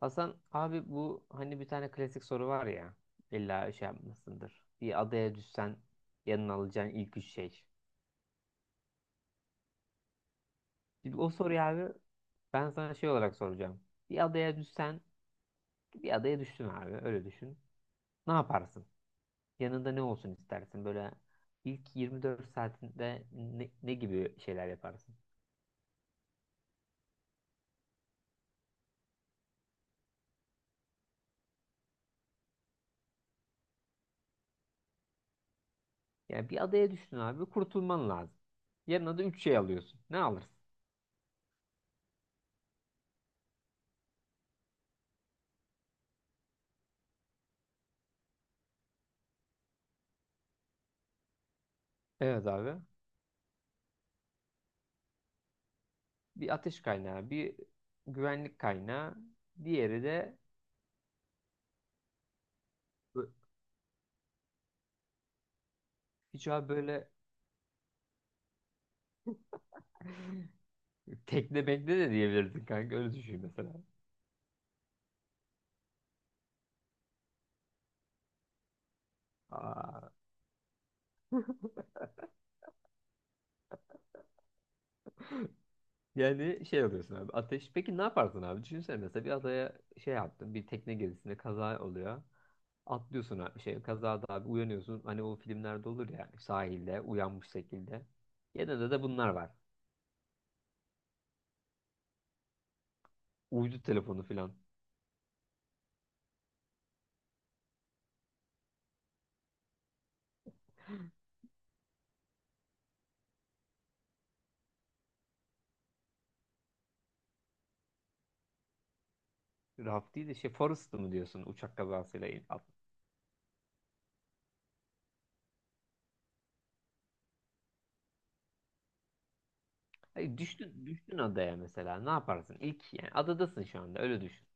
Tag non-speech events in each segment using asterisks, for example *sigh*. Hasan abi, bu hani bir tane klasik soru var ya, illa şey yapmasındır. Bir adaya düşsen yanına alacağın ilk üç şey. Şimdi o soruyu abi ben sana şey olarak soracağım. Bir adaya düşsen Bir adaya düştün abi, öyle düşün. Ne yaparsın? Yanında ne olsun istersin? Böyle ilk 24 saatinde ne gibi şeyler yaparsın? Yani bir adaya düştün abi, kurtulman lazım. Yanına da üç şey alıyorsun. Ne alırsın? Evet abi. Bir ateş kaynağı, bir güvenlik kaynağı, diğeri de bö- hiç abi böyle *laughs* tekne bekle de diyebilirsin kanka, öyle düşün mesela. Aa, yani şey alıyorsun abi, ateş. Peki ne yaparsın abi? Düşünsene, mesela bir adaya şey yaptın, bir tekne gezisinde kaza oluyor. Atlıyorsun abi, şey kazada abi uyanıyorsun. Hani o filmlerde olur ya, sahilde uyanmış şekilde. Yanında da bunlar var. Uydu telefonu filan. Raft değil de şey, Forrest mı diyorsun, uçak kazasıyla. Hayır, düştün adaya, mesela ne yaparsın? İlk yani adadasın şu anda, öyle düşün.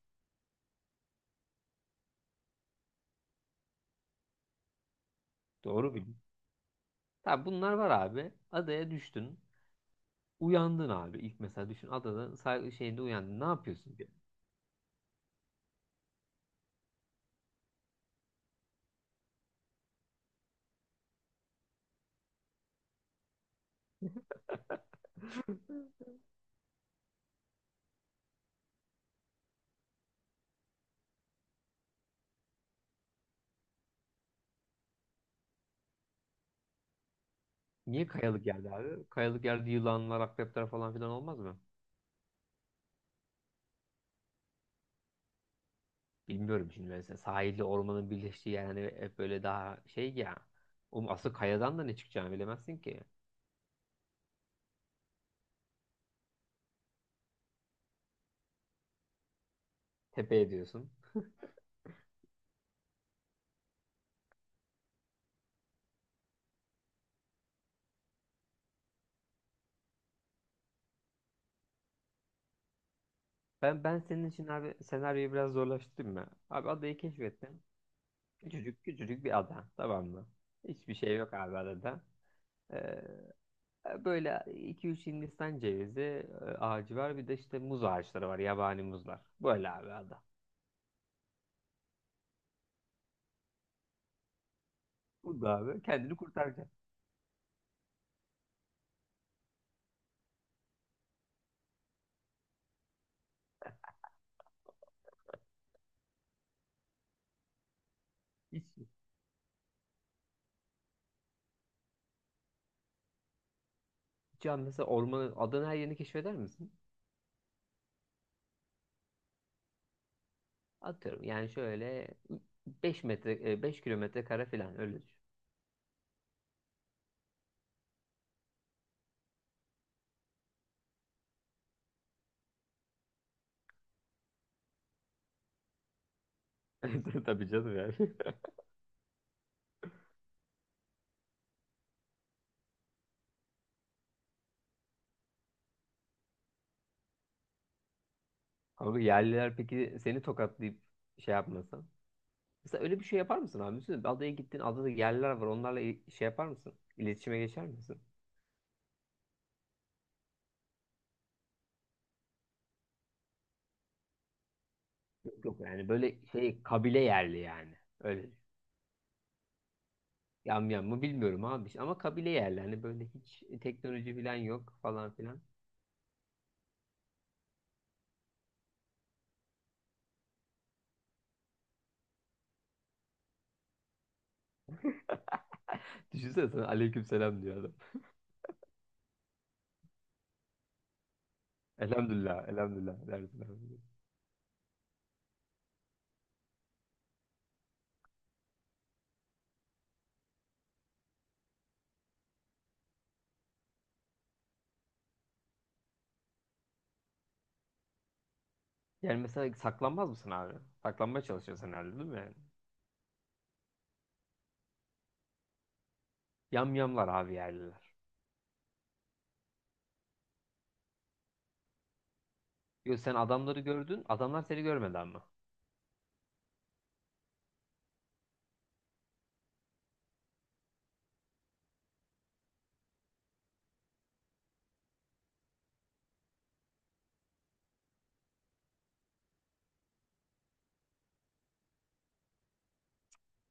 Doğru bildim. Tabii bunlar var abi. Adaya düştün. Uyandın abi. İlk mesela düşün, adada şeyinde uyandın. Ne yapıyorsun? Diye. Niye kayalık yerde abi? Kayalık yerde yılanlar, akrepler falan filan olmaz mı? Bilmiyorum şimdi, mesela sahilde ormanın birleştiği yer hani hep böyle daha şey ya. Oğlum, asıl kayadan da ne çıkacağını bilemezsin ki. Tepe ediyorsun. Ben senin için abi senaryoyu biraz zorlaştırdım mı? Abi adayı keşfettin. Küçücük küçücük bir ada, tamam mı? Hiçbir şey yok abi adada. Ee, Böyle iki üç Hindistan cevizi ağacı var, bir de işte muz ağaçları var, yabani muzlar. Böyle abi ada. Bu da abi kendini kurtaracak. Hiç, hiç an mesela ormanın adanın her yerini keşfeder misin? Atıyorum yani şöyle 5 metre 5 kilometre kare falan, öyle düşün. *laughs* Tabii canım yani. *laughs* Ama yerliler peki seni tokatlayıp şey yapmasa? Mesela öyle bir şey yapar mısın abi? Düşünsene, adaya gittin, adada yerler var. Onlarla şey yapar mısın? İletişime geçer misin? Yok yok, yani böyle şey kabile yerli yani. Öyle. Yam yam mı bilmiyorum abi. İşte Ama kabile yerli. Hani böyle hiç teknoloji falan yok falan filan. *laughs* Düşünsene, sana aleyküm selam diyor adam. Elhamdülillah, elhamdülillah dersin abi. Yani mesela saklanmaz mısın abi? Saklanmaya çalışıyorsun herhalde, değil mi yani? Yam yamlar abi, yerliler. Yok, sen adamları gördün, adamlar seni görmedi ama.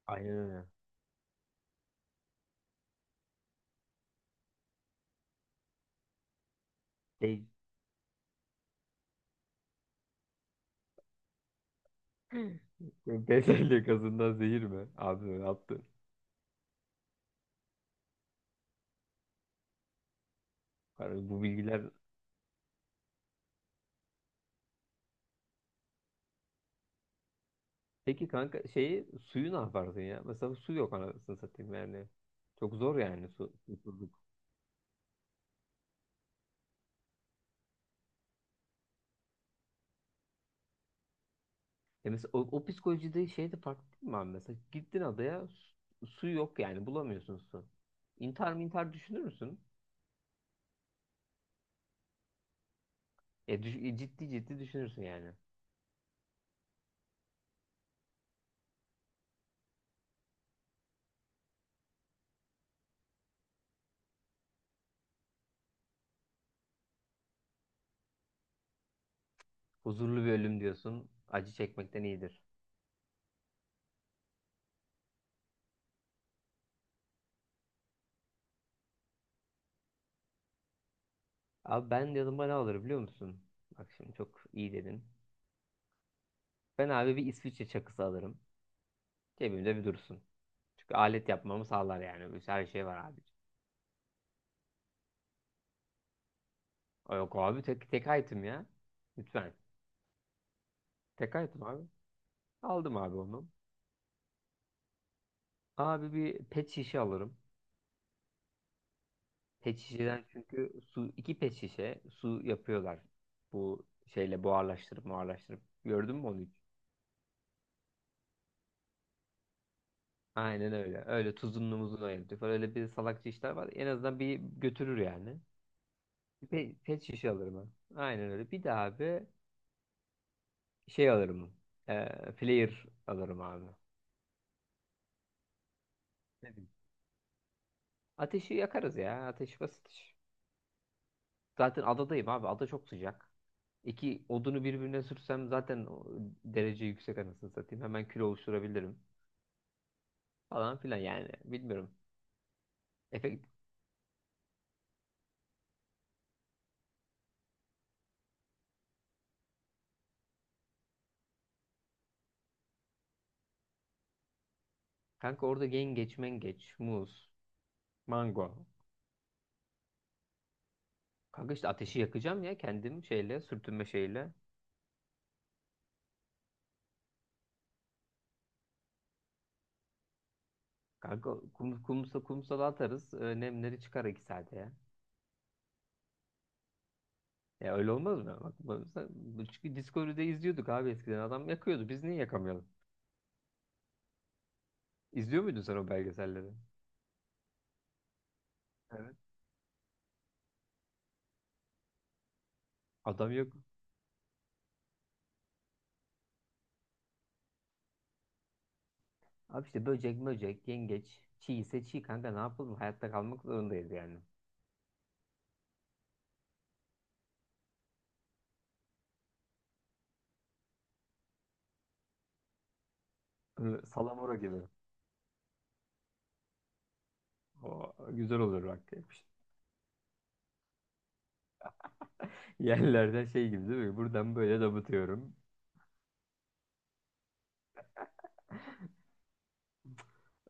Aynen öyle. Hı. Bezelye gazından zehir mi? Abi ne yaptın? Yani bu bilgiler... Peki kanka, şeyi suyu ne yaparsın ya? Mesela su yok, anasını satayım yani. Çok zor yani su. Susuzluk. Ya mesela o psikolojide şey de farklı değil mi abi? Mesela gittin adaya, su, su yok yani, bulamıyorsun su. İntihar mı intihar düşünür müsün? Ciddi ciddi düşünürsün yani. Huzurlu bir ölüm diyorsun. Acı çekmekten iyidir. Abi ben yanıma ne alırım biliyor musun? Bak şimdi çok iyi dedin. Ben abi bir İsviçre çakısı alırım. Cebimde bir dursun. Çünkü alet yapmamı sağlar yani. Her şey var abi. Yok abi, tek, tek item ya. Lütfen. Tek item abi. Aldım abi onu. Abi bir pet şişe alırım. Pet şişeden çünkü su, iki pet şişe su yapıyorlar. Bu şeyle buharlaştırıp buharlaştırıp. Gördün mü onu hiç? Aynen öyle. Öyle tuzunlu muzunlu ayırtıyor falan. Öyle bir salakça işler var. En azından bir götürür yani. Bir pet şişe alırım ben. Aynen öyle. Bir de abi şey alırım. Ee, Player alırım abi. Ne bileyim. Ateşi yakarız ya. Ateş basit iş. Zaten adadayım abi. Ada çok sıcak. İki odunu birbirine sürsem zaten o derece yüksek, anasını satayım. Hemen kilo oluşturabilirim. Falan filan yani. Bilmiyorum. Efekt. Kanka orada yengeç, mengeç, muz, mango. Kanka işte ateşi yakacağım ya, kendim şeyle, sürtünme şeyle. Kanka kum, kumsa kumsala atarız. Nemleri çıkar 2 saate ya. Ya öyle olmaz mı? Bak, çünkü Discovery'de izliyorduk abi eskiden. Adam yakıyordu. Biz niye yakamıyoruz? İzliyor muydun sen o belgeselleri? Evet. Adam yok. Abi işte böcek böcek, yengeç, çiğ ise çiğ, kanka ne yapalım? Hayatta kalmak zorundayız yani. Öyle salamura gibi. O güzel olur bak. *laughs* Yerlerden şey gibi değil mi? Buradan böyle damıtıyorum.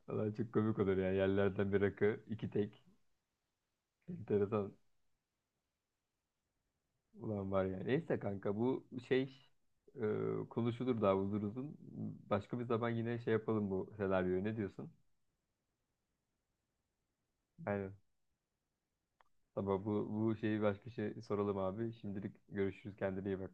Ulan çok komik olur yani. Yerlerden bir rakı, iki tek. Enteresan ulan var yani. Neyse kanka, bu şey konuşulur daha uzun uzun. Başka bir zaman yine şey yapalım bu senaryoyu. Ne diyorsun? Aynen. Tamam, bu şeyi başka şey soralım abi. Şimdilik görüşürüz. Kendine iyi bak.